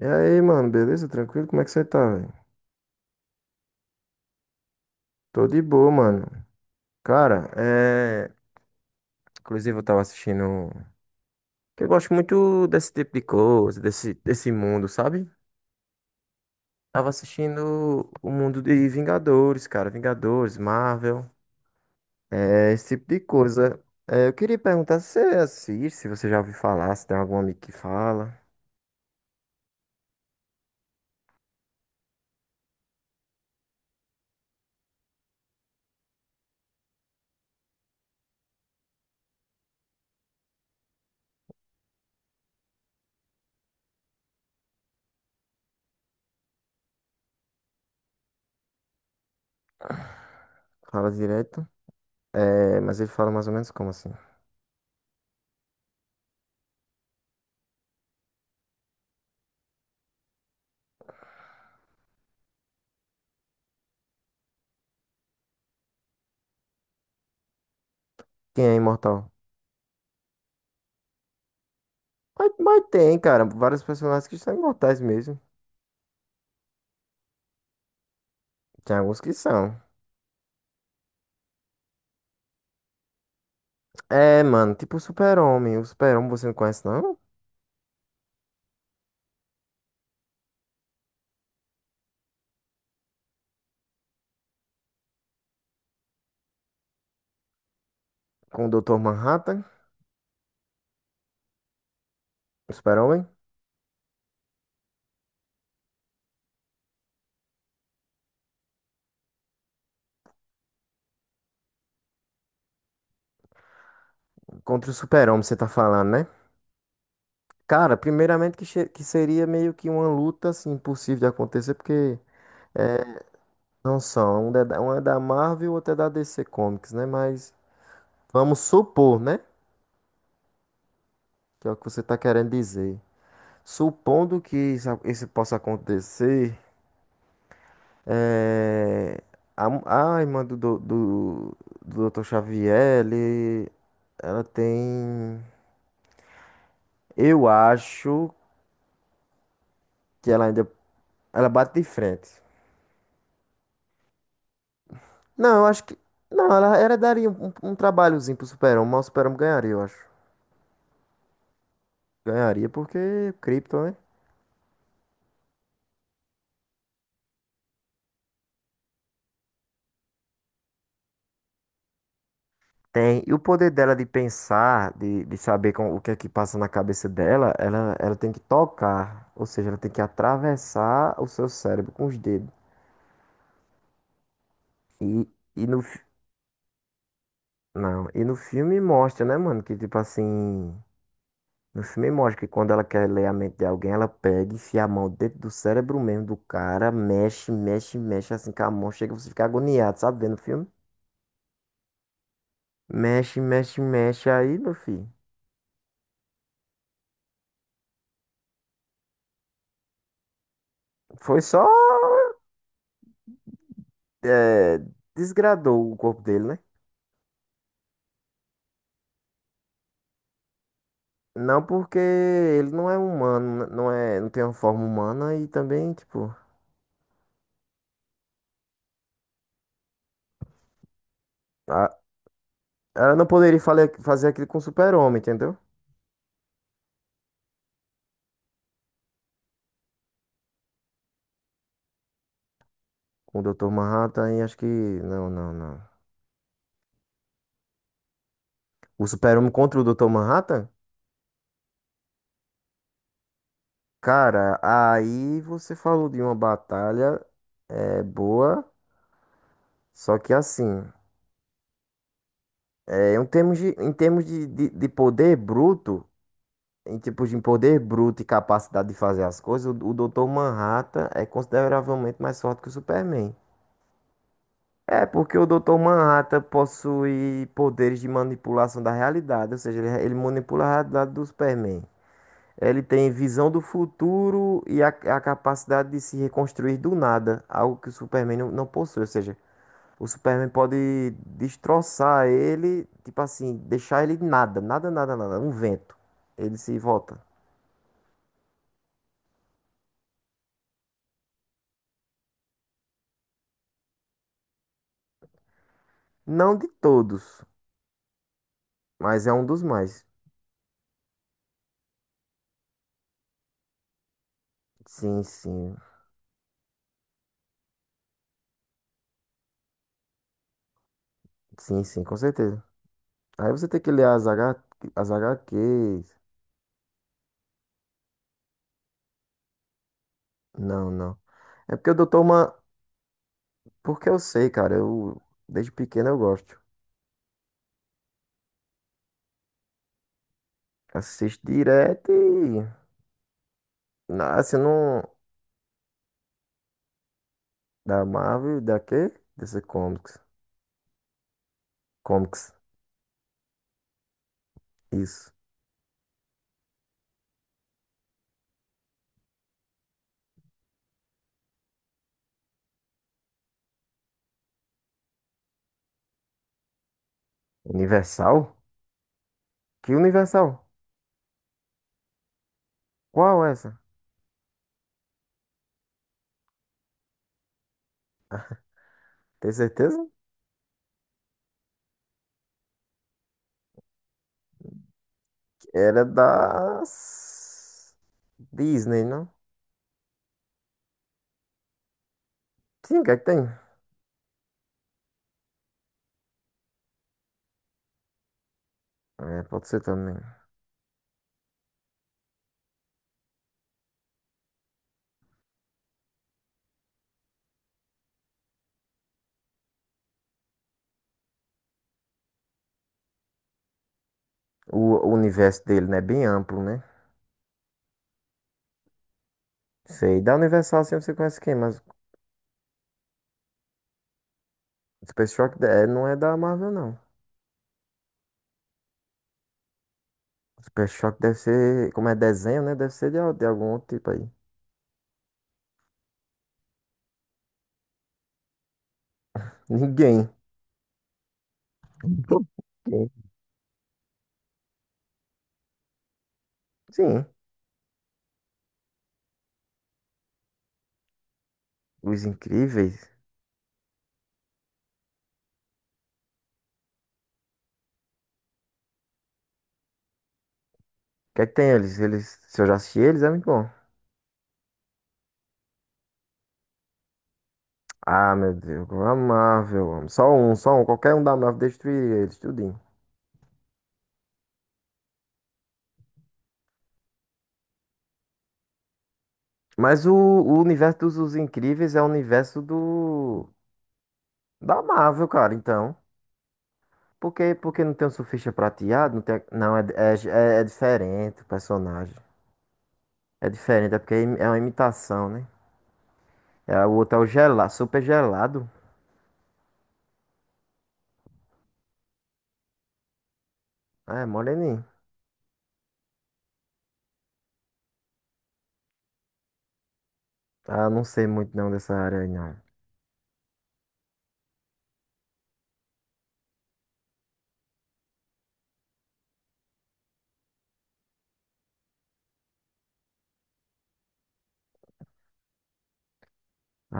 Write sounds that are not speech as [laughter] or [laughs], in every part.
E aí, mano, beleza? Tranquilo? Como é que você tá, velho? Tô de boa, mano. Cara, é. Inclusive, eu tava assistindo. Que Eu gosto muito desse tipo de coisa, desse mundo, sabe? Tava assistindo o mundo de Vingadores, cara. Vingadores, Marvel, é, esse tipo de coisa. É, eu queria perguntar se você assiste, se você já ouviu falar, se tem algum amigo que fala, fala direto. É, mas ele fala mais ou menos como assim? Quem é imortal? Mas tem, cara, vários personagens que são imortais mesmo. Tem alguns que são. É, mano, tipo o Super-Homem. O Super-Homem você não conhece, não? Com o Dr. Manhattan, o Super-Homem? Contra o Super-Homem, você tá falando, né? Cara, primeiramente que seria meio que uma luta, assim, impossível de acontecer, porque é, não são. Um é da Marvel, outro é da DC Comics, né? Mas vamos supor, né? Que é o que você tá querendo dizer. Supondo que isso possa acontecer, é, a irmã do Dr. Xavier, ele, ela tem. Eu acho que ela ainda. Ela bate de frente. Não, eu acho que. Não, ela daria um, um, um trabalhozinho pro Super-Homem, mas o Super-Homem ganharia, eu acho. Ganharia porque Krypton, né? Tem. E o poder dela de pensar, de saber com, o que é que passa na cabeça dela, ela tem que tocar. Ou seja, ela tem que atravessar o seu cérebro com os dedos. E, e no, Não. E no filme mostra, né, mano? Que tipo assim. No filme mostra que quando ela quer ler a mente de alguém, ela pega, e enfia a mão dentro do cérebro mesmo do cara, mexe, mexe, mexe, assim com a mão, chega você fica agoniado, sabe? Vendo o filme? Mexe, mexe, mexe aí, meu filho. Foi só. É, desgradou o corpo dele, né? Não porque ele não é humano, não é, não tem uma forma humana e também, tipo, a- ela não poderia fazer aquilo com o Super-Homem, entendeu? Com o Dr. Manhattan e acho que não, não, não. O Super-Homem contra o Dr. Manhattan? Cara, aí você falou de uma batalha é boa, só que assim, é, em termos de, de poder bruto, em tipos de poder bruto e capacidade de fazer as coisas, o Dr. Manhattan é consideravelmente mais forte que o Superman. É, porque o Dr. Manhattan possui poderes de manipulação da realidade, ou seja, ele manipula a realidade do Superman. Ele tem visão do futuro e a capacidade de se reconstruir do nada, algo que o Superman não, não possui. Ou seja, o Superman pode destroçar ele, tipo assim, deixar ele nada, nada, nada, nada, um vento. Ele se volta. Não de todos, mas é um dos mais. Sim, sim. Sim, sim, com certeza. Aí você tem que ler as H HQs. Não, não. É porque o Doutor Man. Porque eu sei, cara. Eu, desde pequeno eu gosto. Assisto direto e. Assim, não. Da Marvel, e da quê? DC Comics. Comics. Isso. Universal? Que Universal? Qual é essa? Tem certeza? Era das. Disney, não? Sim, o que é que tem? É, pode ser também. O universo dele, né? É bem amplo, né? Sei. Da Universal, assim, você conhece quem? Mas Super Shock é, não é da Marvel, não. Super Shock deve ser. Como é desenho, né? Deve ser de, de algum outro tipo aí. Ninguém. [laughs] Ninguém. Sim. Os Incríveis? O que é que tem eles? Eles, se eu já assisti eles, é muito bom. Ah, meu Deus, como é amável, eu amo. Só um, só um. Qualquer um da Marvel destruiria eles, tudinho. Mas o universo dos Os Incríveis é o universo do... Da Marvel, cara, então. Por que não tem o Surfista Prateado? Não, tem, não é, é, é, é diferente o personagem. É diferente, é porque é é uma imitação, né? É, o outro é o gelado, super gelado. Ah, é, moreninho. Ah, eu não sei muito não dessa área aí, não.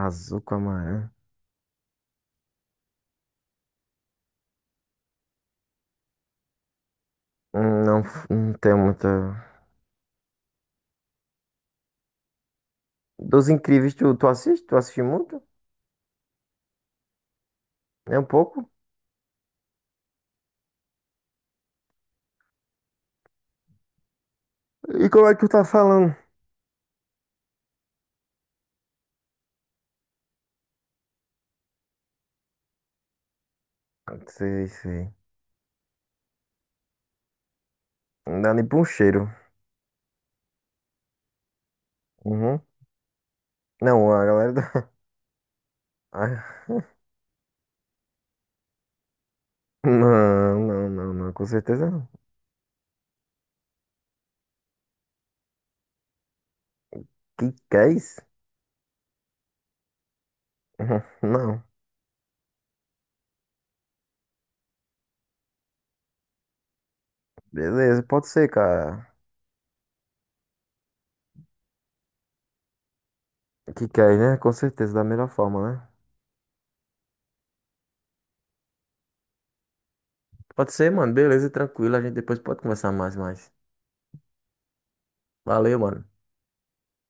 Azul com amarelo. Não, não tenho muita. Dos Incríveis, tu, tu assiste? Tu assiste muito? É um pouco? E como é que tu tá falando? Sei, sei. Não dá nem pra um cheiro. Uhum. Não, a galera da. [laughs] Ah, não, não, não, não, com certeza não. Que é isso? [laughs] Uhum, não. Beleza, pode ser, cara. Que é, né? Com certeza, da melhor forma, né? Pode ser, mano. Beleza, tranquilo. A gente depois pode conversar mais. Valeu, mano.